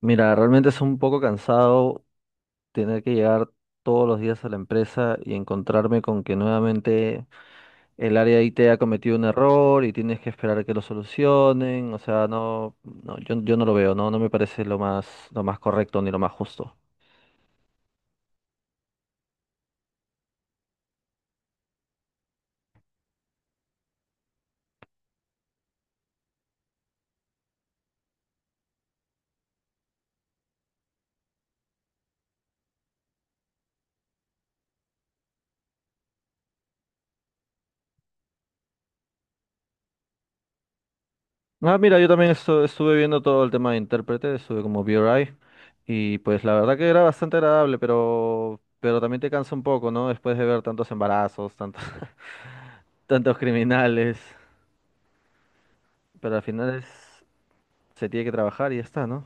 Mira, realmente es un poco cansado tener que llegar todos los días a la empresa y encontrarme con que nuevamente el área de IT ha cometido un error y tienes que esperar a que lo solucionen. O sea, no, no, yo no lo veo, no, no me parece lo más correcto ni lo más justo. Ah, mira, yo también estuve viendo todo el tema de intérprete, estuve como VRI y pues la verdad que era bastante agradable, pero también te cansa un poco, ¿no? Después de ver tantos embarazos, tantos, tantos criminales, pero al final se tiene que trabajar y ya está, ¿no?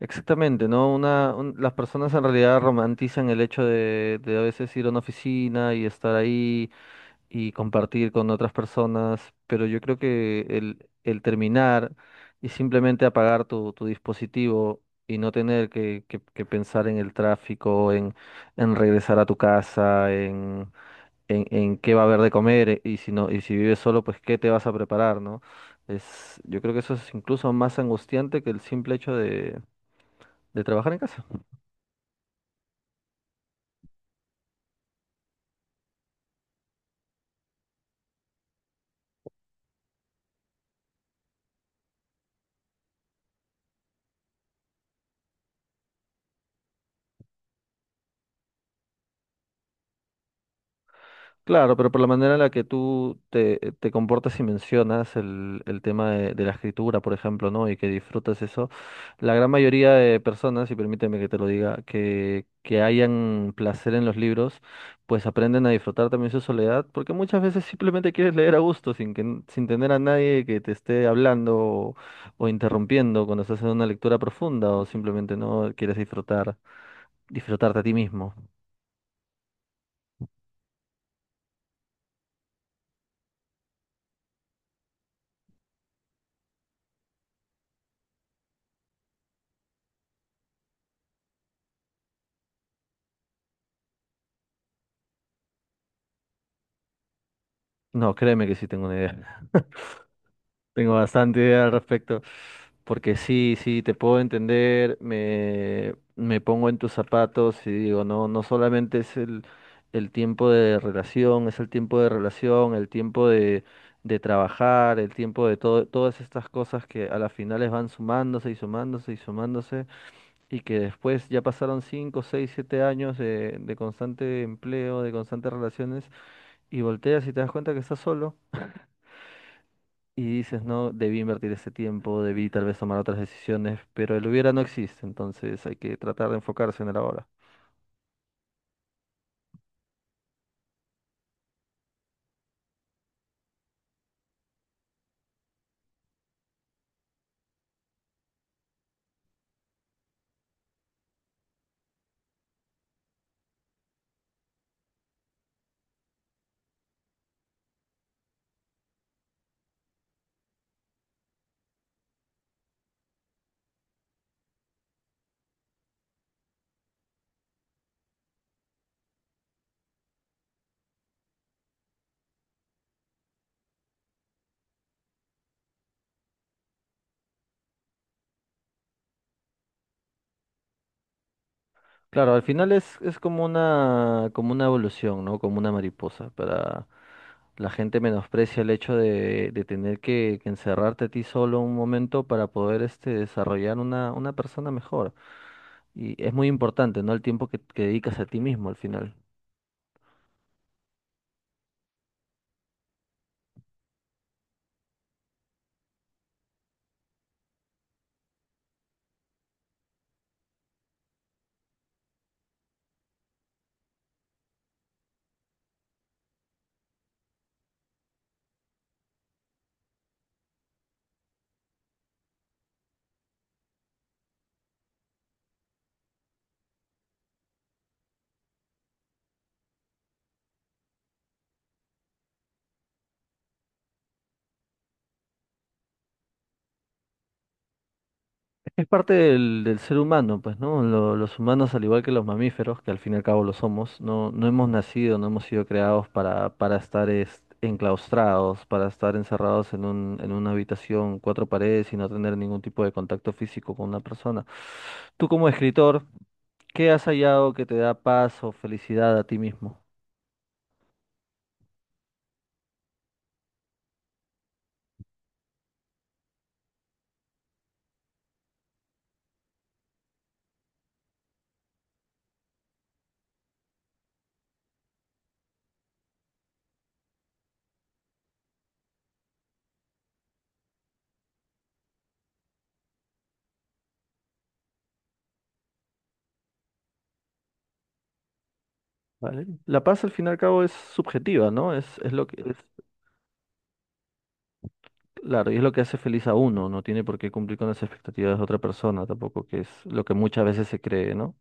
Exactamente, ¿no? Las personas en realidad romantizan el hecho de a veces ir a una oficina y estar ahí y compartir con otras personas, pero yo creo que el terminar y simplemente apagar tu dispositivo y no tener que pensar en el tráfico, en regresar a tu casa, en qué va a haber de comer y si no, y si vives solo, pues qué te vas a preparar, ¿no? Es, yo creo que eso es incluso más angustiante que el simple hecho de trabajar en casa. Claro, pero por la manera en la que tú te comportas y mencionas el tema de la escritura, por ejemplo, ¿no? Y que disfrutas eso, la gran mayoría de personas, y permíteme que te lo diga, que hayan placer en los libros, pues aprenden a disfrutar también su soledad, porque muchas veces simplemente quieres leer a gusto, sin tener a nadie que te esté hablando o interrumpiendo cuando estás en una lectura profunda, o simplemente no quieres disfrutar, disfrutarte a ti mismo. No, créeme que sí tengo una idea. Tengo bastante idea al respecto. Porque sí, sí, te puedo entender, me pongo en tus zapatos y digo, no, no solamente es el tiempo de relación, es el tiempo de relación, el tiempo de trabajar, el tiempo de todo, todas estas cosas que a las finales van sumándose y sumándose y sumándose, y que después ya pasaron 5, 6, 7 años de constante empleo, de constantes relaciones, y volteas y te das cuenta que estás solo y dices, no, debí invertir ese tiempo, debí tal vez tomar otras decisiones, pero el hubiera no existe, entonces hay que tratar de enfocarse en el ahora. Claro, al final es como una evolución, ¿no? Como una mariposa. Para la gente menosprecia el hecho de tener que encerrarte a ti solo un momento para poder este, desarrollar una persona mejor. Y es muy importante, ¿no? El tiempo que dedicas a ti mismo al final. Es parte del, del ser humano, pues, ¿no? Los humanos, al igual que los mamíferos, que al fin y al cabo lo somos, no, no hemos nacido, no hemos sido creados para enclaustrados, para estar encerrados en un, en una habitación, cuatro paredes y no tener ningún tipo de contacto físico con una persona. Tú como escritor, ¿qué has hallado que te da paz o felicidad a ti mismo? ¿Vale? La paz al fin y al cabo es subjetiva, ¿no? Es lo que es. Claro, y es lo que hace feliz a uno, no tiene por qué cumplir con las expectativas de otra persona tampoco, que es lo que muchas veces se cree, ¿no?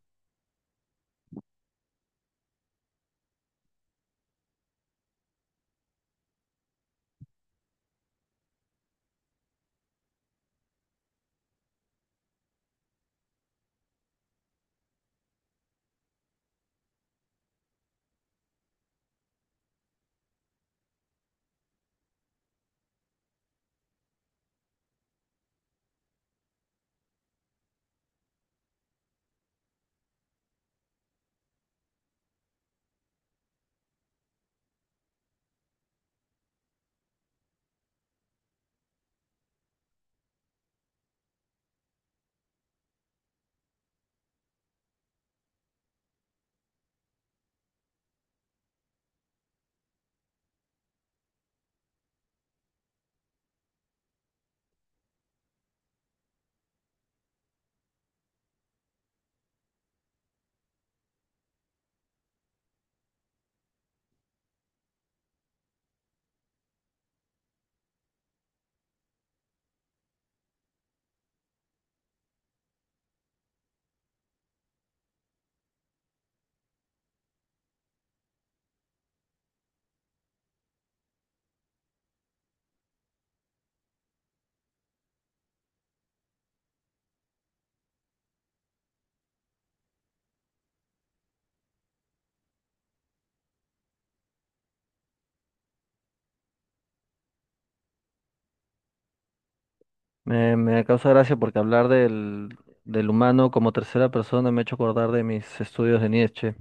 Me causa gracia porque hablar del, del humano como tercera persona me ha hecho acordar de mis estudios de Nietzsche,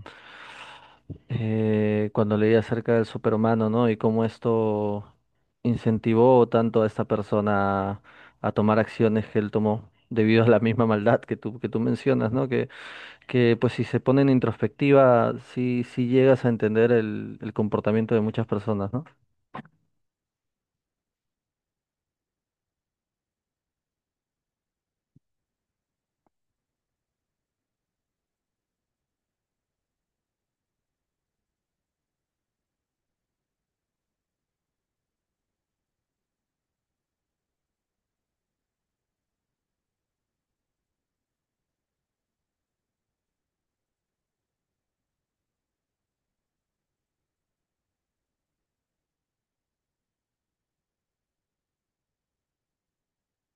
cuando leí acerca del superhumano, ¿no? Y cómo esto incentivó tanto a esta persona a tomar acciones que él tomó debido a la misma maldad que tú mencionas, ¿no? Que pues si se pone en introspectiva, sí, sí llegas a entender el comportamiento de muchas personas, ¿no?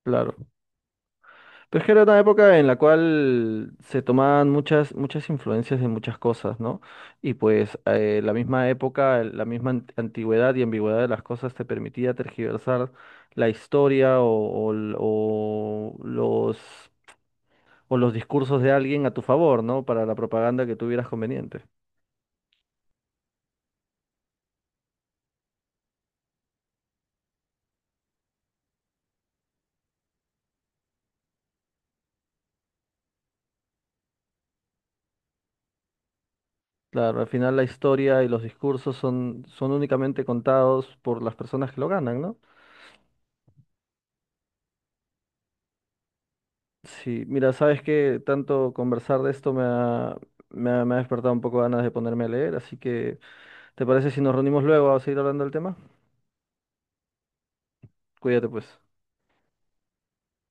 Claro. Pero es que era una época en la cual se tomaban muchas, muchas influencias de muchas cosas, ¿no? Y pues la misma época, la misma antigüedad y ambigüedad de las cosas te permitía tergiversar la historia o, o l- o los, o los discursos de alguien a tu favor, ¿no? Para la propaganda que tuvieras conveniente. Claro, al final la historia y los discursos son, son únicamente contados por las personas que lo ganan, ¿no? Sí, mira, sabes que tanto conversar de esto me ha despertado un poco ganas de ponerme a leer, así que ¿te parece si nos reunimos luego a seguir hablando del tema? Cuídate pues.